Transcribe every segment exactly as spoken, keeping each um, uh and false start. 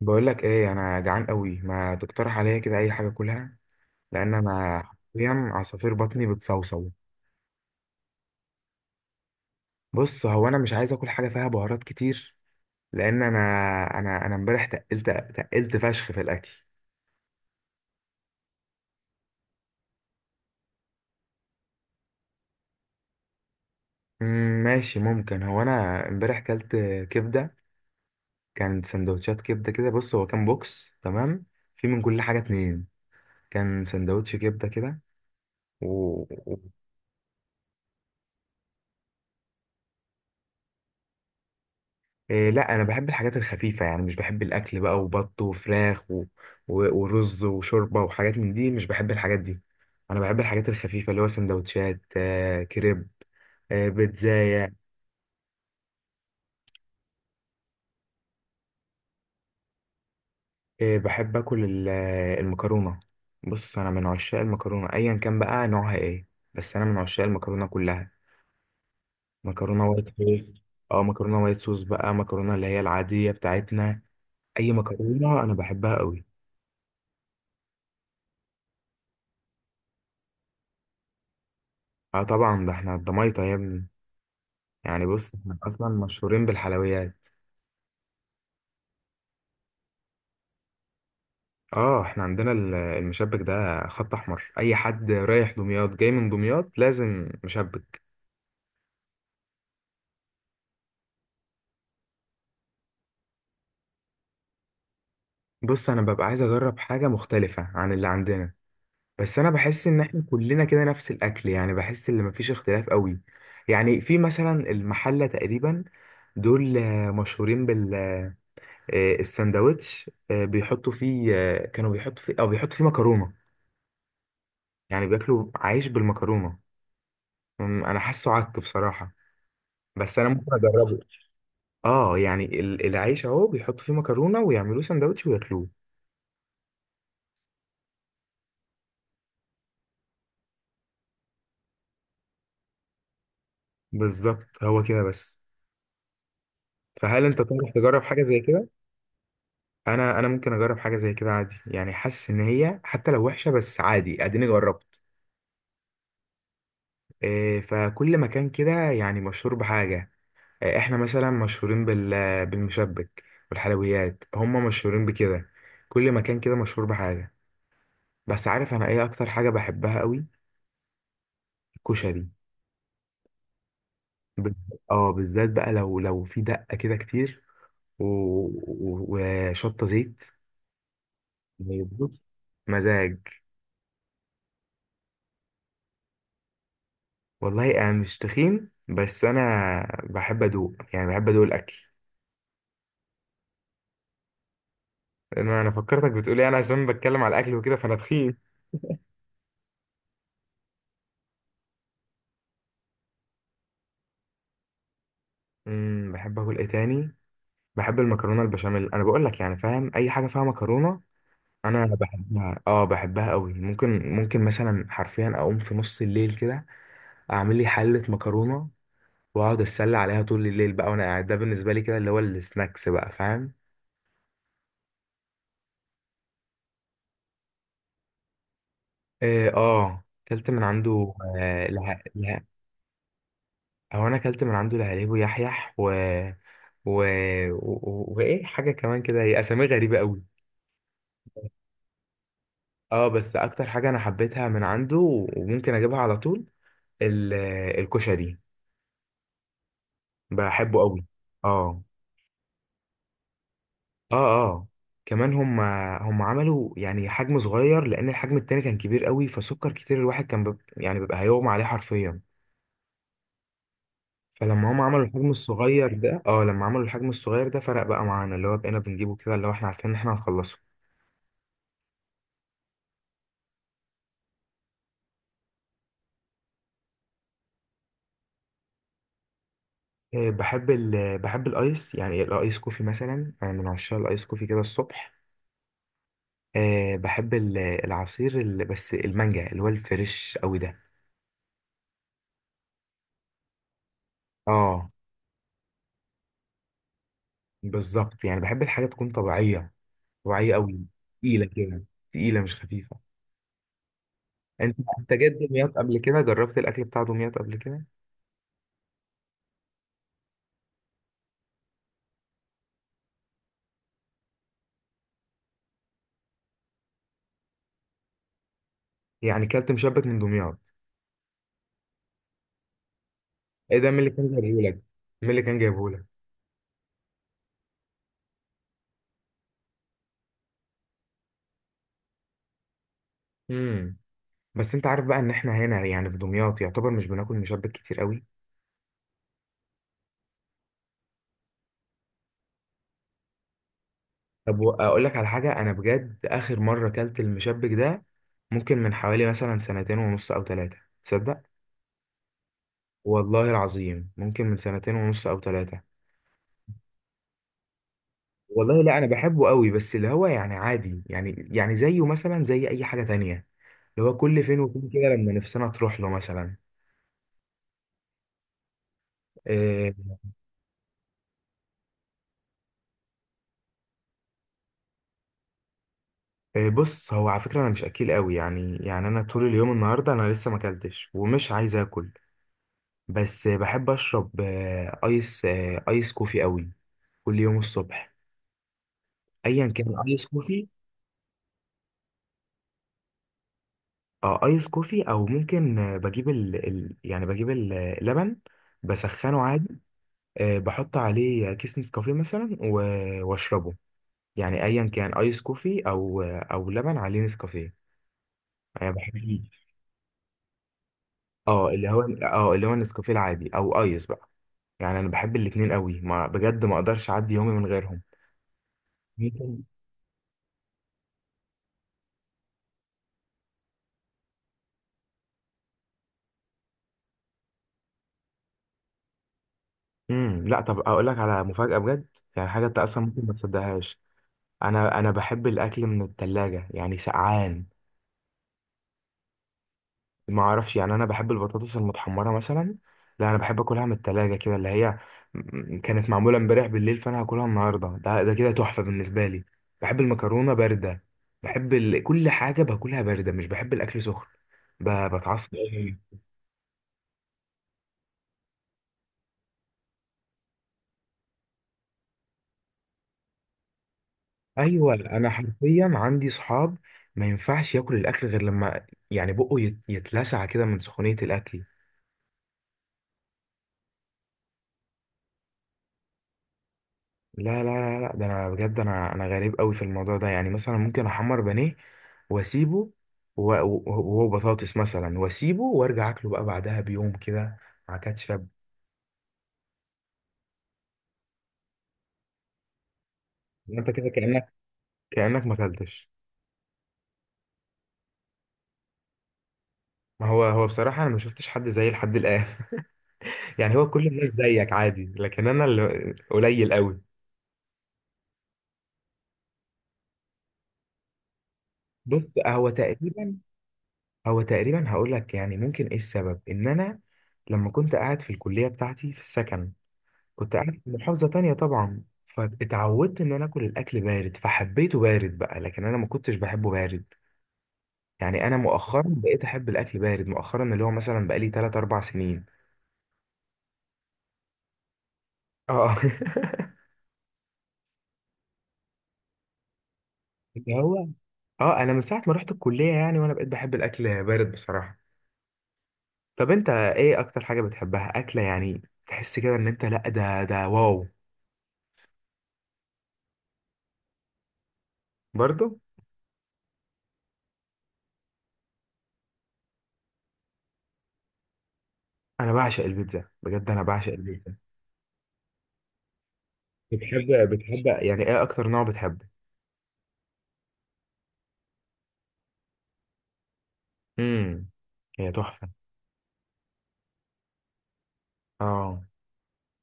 بقول لك ايه، انا جعان قوي، ما تقترح عليا كده اي حاجه اكلها؟ لان انا حرفيا عصافير بطني بتصوصو. بص، هو انا مش عايز اكل حاجه فيها بهارات كتير، لان انا انا انا امبارح تقلت تقلت فشخ في الاكل. مم، ماشي، ممكن هو انا امبارح كلت كبده. كان سندوتشات كبده كده. بص، هو كان بوكس تمام، في من كل حاجه اتنين. كان سندوتش كبده كده. إيه، لا انا بحب الحاجات الخفيفه، يعني مش بحب الاكل بقى وبط وفراخ و... و... ورز وشوربه وحاجات من دي، مش بحب الحاجات دي. انا بحب الحاجات الخفيفه، اللي هو سندوتشات، آه كريب، آه بيتزاية. آه بحب اكل ال- آه، المكرونه. بص، انا من عشاق المكرونه ايا كان بقى نوعها ايه. بس انا من عشاق المكرونه كلها. مكرونه وايت صوص. اه، مكرونه وايت صوص بقى، مكرونه اللي هي العاديه بتاعتنا. اي مكرونه انا بحبها قوي. اه، طبعا، ده احنا الضمايطه يا ابني. يعني بص، احنا اصلا مشهورين بالحلويات. اه، احنا عندنا ال- المشبك ده، خط احمر. اي حد رايح دمياط جاي من دمياط لازم مشبك. بص، انا ببقى عايز اجرب حاجه مختلفه عن اللي عندنا. بس انا بحس ان احنا كلنا كده نفس الاكل، يعني بحس ان مفيش اختلاف قوي. يعني في مثلا المحله تقريبا، دول آه، مشهورين بالساندوتش، بيحطوا فيه آه، كانوا بيحطوا فيه او بيحطوا فيه مكرونه. يعني بياكلوا عيش بالمكرونه. أمم، انا حاسه عك بصراحه، بس انا ممكن اجربه. اه، يعني ال- العيش اهو بيحطوا فيه مكرونه ويعملوه سندوتش وياكلوه. بالظبط، هو كده بس. فهل انت تعرف تجرب حاجه زي كده؟ انا انا ممكن اجرب حاجه زي كده عادي، يعني حاسس ان هي حتى لو وحشه بس عادي، اديني جربت. إيه، فكل مكان كده يعني مشهور بحاجه. إيه، احنا مثلا مشهورين بال بالمشبك. والحلويات هم مشهورين بكده. كل مكان كده مشهور بحاجه. بس عارف انا ايه اكتر حاجه بحبها قوي؟ الكشري. ب- اه بالذات بقى، لو لو في دقة كده كتير و... و- وشطة زيت. يعني بص، مزاج. والله انا مش تخين، بس انا بحب ادوق، يعني بحب ادوق الاكل. انا انا فكرتك بتقولي انا عشان بتكلم على الاكل وكده فانا تخين. امم بحب اكل ايه تاني؟ بحب المكرونة البشاميل. انا بقول لك يعني، فاهم، اي حاجة فيها مكرونة انا بحبها، اه بحبها قوي، ممكن ممكن مثلا حرفيا اقوم في نص الليل كده اعمل لي حلة مكرونة واقعد اتسلى عليها طول الليل بقى وانا قاعد. ده بالنسبه لي كده اللي هو السناكس بقى، فاهم. اه، آه، اكلت من عنده. آه له... له... او انا اكلت من عنده لهاليب ويحيح و و... و... وايه حاجه كمان كده، هي اسامي غريبه قوي. اه، بس اكتر حاجه انا حبيتها من عنده، وممكن اجيبها على طول، ال... الكشري. بحبه قوي. اه اه اه كمان، هم هم عملوا يعني حجم صغير لان الحجم التاني كان كبير قوي، فسكر كتير. الواحد كان بب... يعني بيبقى هيغمى عليه حرفيا. فلما هم عملوا الحجم الصغير ده اه لما عملوا الحجم الصغير ده فرق بقى معانا، اللي هو بقينا بنجيبه كده، اللي هو احنا عارفين ان احنا هنخلصه. آه، بحب ال بحب الايس، يعني الايس كوفي مثلا. انا من عشاق الايس كوفي كده الصبح. أه بحب ال- العصير ال- بس المانجا، اللي هو الفريش قوي ده. اه بالظبط، يعني بحب الحاجه تكون طبيعيه، طبيعيه قوي، تقيله كده، تقيله مش خفيفه. انت انت جيت دمياط قبل كده؟ جربت الاكل بتاع دمياط قبل كده؟ يعني كلت مشبك من دمياط؟ ايه ده، مين اللي كان جايبهولك؟ مين اللي كان جايبهولك؟ امم بس انت عارف بقى ان احنا هنا يعني في دمياط يعتبر مش بناكل مشبك كتير قوي. طب اقول لك على حاجه انا بجد، اخر مره اكلت المشبك ده ممكن من حوالي مثلا سنتين ونص او ثلاثه. تصدق؟ والله العظيم، ممكن من سنتين ونص او ثلاثه. والله لا، انا بحبه قوي، بس اللي هو يعني عادي، يعني يعني زيه مثلا زي اي حاجه تانية، اللي هو كل فين وفين كده لما نفسنا تروح له مثلا. إيه، إيه، بص هو على فكره انا مش اكيل قوي، يعني يعني انا طول اليوم النهارده انا لسه ما اكلتش ومش عايز اكل. بس بحب اشرب آه، ايس آه، ايس كوفي قوي كل يوم الصبح، ايا كان ايس كوفي. اه ايس كوفي، او ممكن آه، بجيب ال... ال... يعني بجيب اللبن بسخنه عادي. آه، بحط عليه كيس نسكافيه مثلا و- واشربه. يعني ايا كان ايس كوفي او او لبن عليه نسكافيه. انا بحب ال- اه اللي هو اه اللي هو النسكافيه العادي او ايس بقى. يعني انا بحب الاتنين قوي، ما بجد ما اقدرش اعدي يومي من غيرهم. امم لا، طب اقول لك على مفاجأة بجد، يعني حاجة انت اصلا ممكن ما تصدقهاش. انا انا بحب الاكل من التلاجة، يعني سقعان. ما اعرفش، يعني انا بحب البطاطس المتحمرة مثلا. لا انا بحب اكلها من التلاجة كده، اللي هي م- كانت معمولة امبارح بالليل فانا هاكلها النهاردة. ده ده كده تحفة بالنسبة لي. بحب المكرونة باردة. بحب ال... كل حاجة باكلها باردة. مش بحب الاكل سخن، ب... بتعصب. ايوه، انا حرفيا عندي صحاب ما ينفعش ياكل الاكل غير لما يعني بقه يت- يتلسع كده من سخونيه الاكل. لا لا لا لا، ده انا بجد، انا انا غريب قوي في الموضوع ده، يعني مثلا ممكن احمر بانيه واسيبه، و- و- وهو بطاطس مثلا واسيبه وارجع اكله بقى بعدها بيوم كده مع كاتشب. انت كده كانك كانك ما اكلتش. ما هو هو بصراحه، انا ما شفتش حد زيي لحد الان. يعني، هو كل الناس زيك عادي، لكن انا اللي قليل قوي. بص، هو تقريبا هو تقريبا هقول لك يعني ممكن ايه السبب، ان انا لما كنت قاعد في الكليه بتاعتي في السكن، كنت قاعد في محافظه تانية طبعا، فاتعودت ان انا اكل الاكل بارد فحبيته بارد بقى. لكن انا ما كنتش بحبه بارد. يعني انا مؤخرا بقيت احب الاكل بارد مؤخرا، اللي هو مثلا بقالي ثلاثة اربعة سنين. اه. اللي هو اه انا من ساعه ما رحت الكليه، يعني وانا بقيت بحب الاكل بارد بصراحه. طب انت ايه اكتر حاجه بتحبها اكله، يعني تحس كده ان انت لا ده ده واو؟ برضه، انا بعشق البيتزا بجد، انا بعشق البيتزا. بتحب بتحب يعني ايه اكتر نوع بتحبه؟ امم هي تحفه. اه.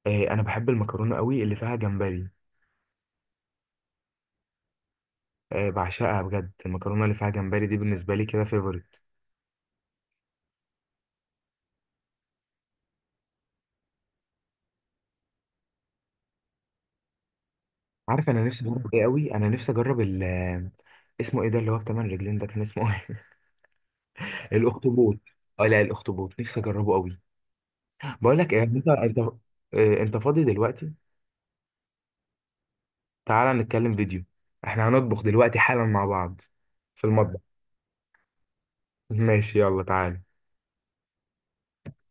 إيه، انا بحب المكرونه قوي اللي فيها جمبري. إيه، بعشقها بجد. المكرونه اللي فيها جمبري دي بالنسبه لي كده فيفورت. عارف انا نفسي اجرب ايه قوي؟ انا نفسي اجرب ال اسمه ايه ده، اللي هو بتمن رجلين ده، كان اسمه ايه؟ الاخطبوط. اه لا، الاخطبوط نفسي اجربه قوي. بقول لك ايه، انت انت إيه، انت فاضي دلوقتي؟ تعالى نتكلم فيديو، احنا هنطبخ دلوقتي حالا مع بعض في المطبخ. ماشي، يلا تعال.